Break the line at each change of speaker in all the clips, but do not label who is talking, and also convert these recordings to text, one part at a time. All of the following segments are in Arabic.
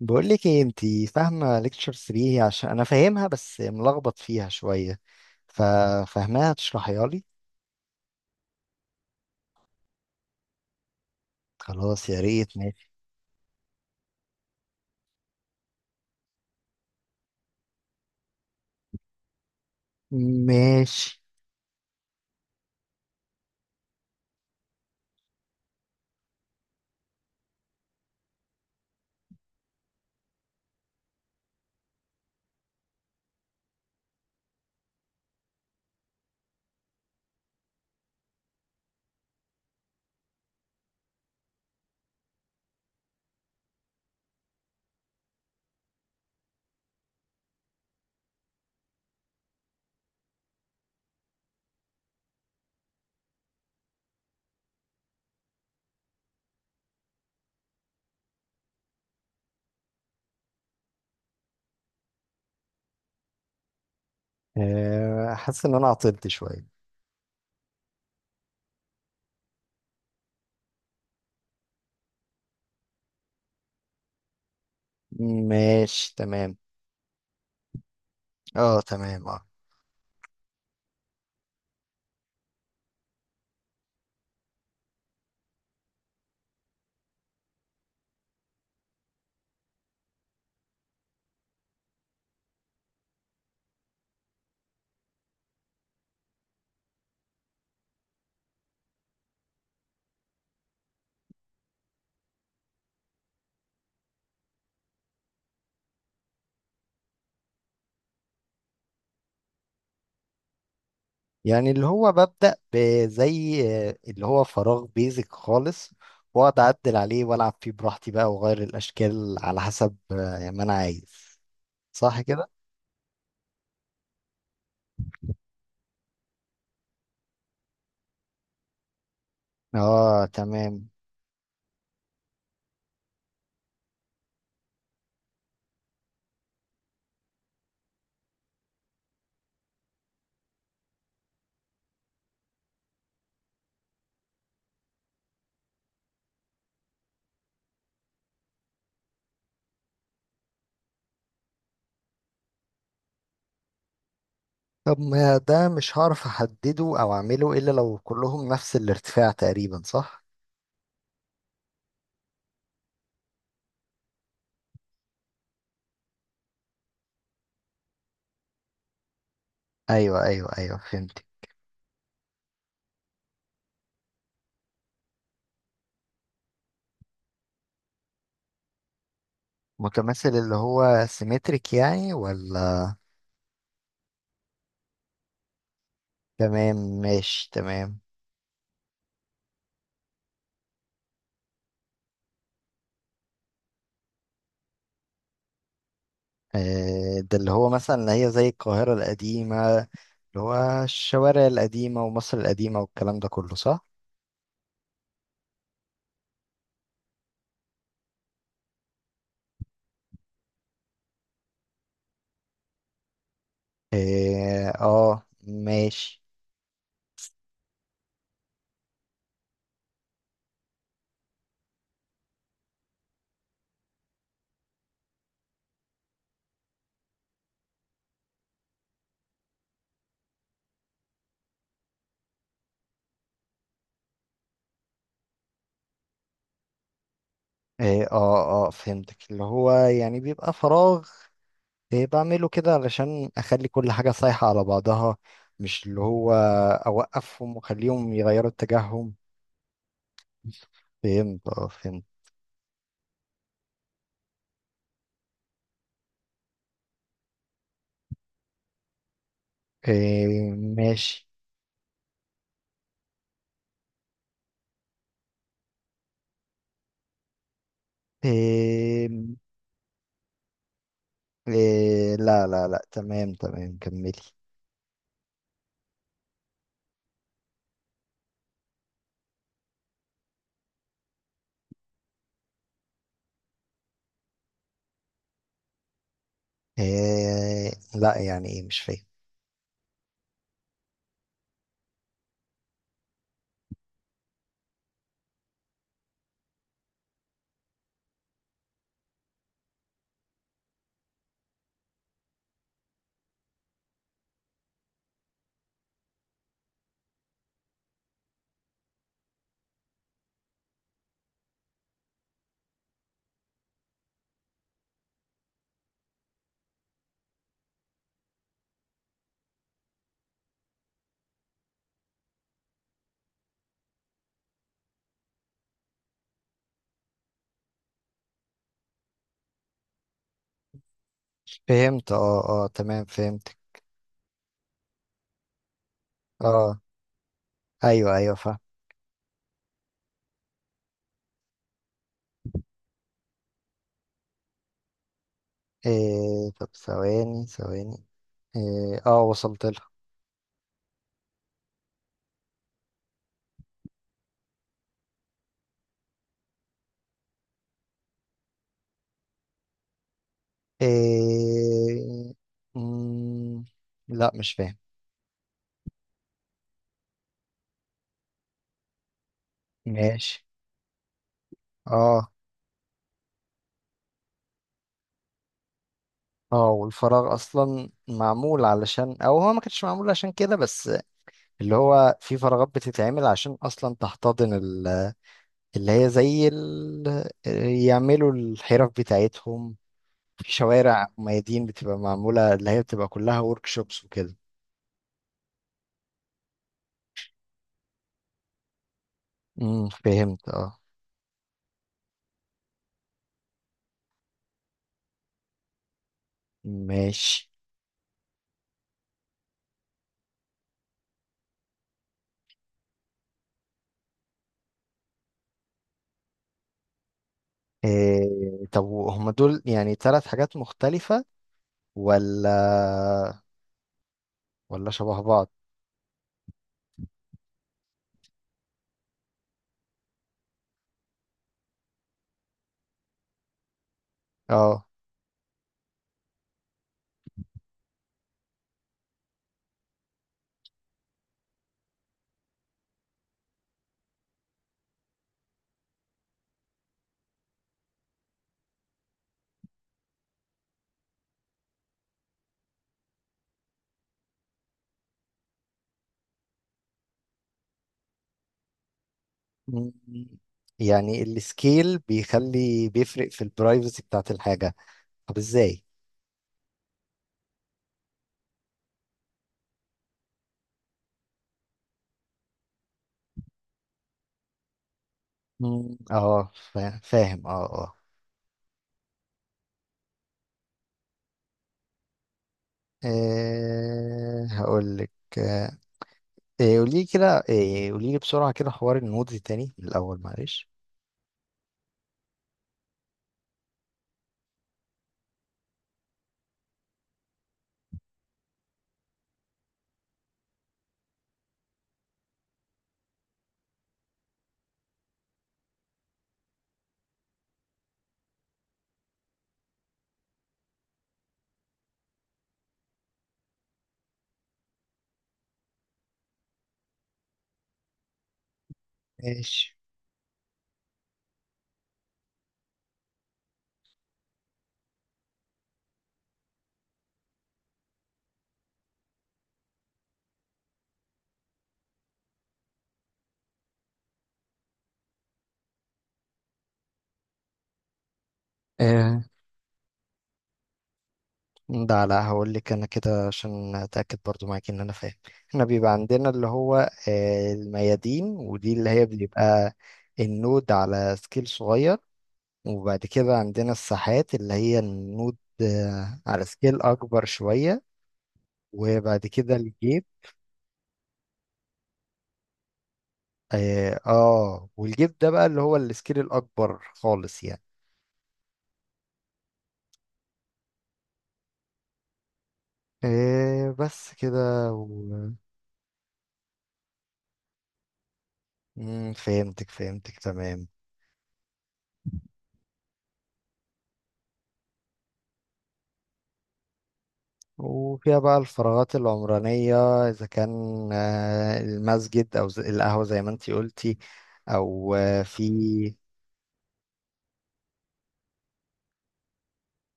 بقول لك ايه، انتي فاهمه ليكتشر 3؟ عشان انا فاهمها بس ملخبط فيها شويه، ففاهماها تشرحيها لي. خلاص، يا ريت. ماشي. ماشي. آه، حاسس ان انا عطلت شويه. ماشي، تمام. اه، تمام، اه. يعني اللي هو ببدأ بزي. آه، اللي هو فراغ بيزك خالص. واقعد اعدل عليه والعب فيه براحتي بقى، واغير الاشكال على حسب ما انا عايز. صح كده؟ اه، تمام. طب ما ده مش هعرف احدده او اعمله الا لو كلهم نفس الارتفاع تقريبا، صح؟ ايوه، ايوه، ايوه، فهمت. متماثل اللي هو سيمتريك يعني، ولا؟ تمام، ماشي، تمام. آه، ده اللي هو مثلا اللي هي زي القاهرة القديمة، اللي هو الشوارع القديمة ومصر القديمة والكلام ده كله، صح؟ اه، آه، ماشي. اه، اه، آه، فهمتك. اللي هو يعني بيبقى فراغ، إيه بعمله كده علشان اخلي كل حاجة صايحة على بعضها؟ مش اللي هو اوقفهم واخليهم يغيروا اتجاههم؟ فهمت، اه، فهمت. إيه، ماشي. إيه. إيه، لا لا لا، تمام تمام، كملي. إيه، لا، يعني ايه؟ مش فاهم. فهمت، اه، اه، تمام، فهمتك. اه. ايوه، ايوه، فاهم. إيه، طب، ثواني، ثواني. إيه، اه، وصلت لها. إيه. مم، لا، مش فاهم. ماشي. اه. اه، والفراغ اصلا معمول علشان، او هو ما كانش معمول عشان كده بس، اللي هو في فراغات بتتعمل عشان اصلا تحتضن اللي هي زي يعملوا الحرف بتاعتهم. في شوارع، ميادين بتبقى معمولة اللي هي بتبقى كلها ورك شوبس وكده. فهمت، اه. ماشي. إيه، طب هما دول يعني ثلاث حاجات مختلفة، ولا ولا شبه بعض؟ اه. مم. يعني السكيل بيخلي بيفرق في البرايفسي بتاعت الحاجة. طب، ازاي؟ مم. اه، فاهم، اه، اه. إيه، هقولك. آه. إيه، قولي لي كده، إيه، قولي لي بسرعة كده حوار النودز تاني من الأول، معلش. ماشي. إيه، ده لا، هقولك أنا كده عشان أتأكد برضو معاك إن أنا فاهم. احنا بيبقى عندنا اللي هو الميادين، ودي اللي هي بيبقى النود على سكيل صغير. وبعد كده عندنا الساحات اللي هي النود، على سكيل أكبر شوية. وبعد كده الجيب. آه، آه، والجيب ده بقى اللي هو السكيل الأكبر خالص يعني. آه، بس كده. فهمتك، تمام. وفيها بقى الفراغات العمرانية، إذا كان المسجد أو القهوة زي ما انتي قلتي، أو في.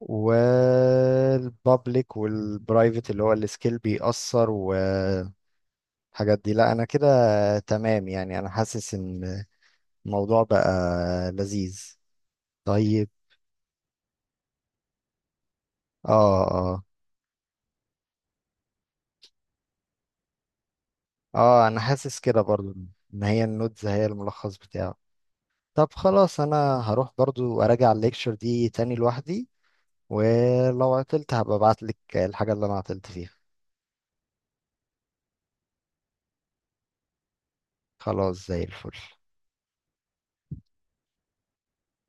والبابليك والبرايفت، اللي هو السكيل بيأثر. الحاجات دي، لا، انا كده. تمام، يعني انا حاسس ان الموضوع بقى لذيذ. طيب. اه، اه، اه، انا حاسس كده برضو. ان هي النودز هي الملخص بتاعه. طب، خلاص، انا هروح برضو اراجع الليكشر دي تاني لوحدي. ولو عطلت هبقى ابعتلك الحاجة اللي انا عطلت فيها. خلاص، زي الفل.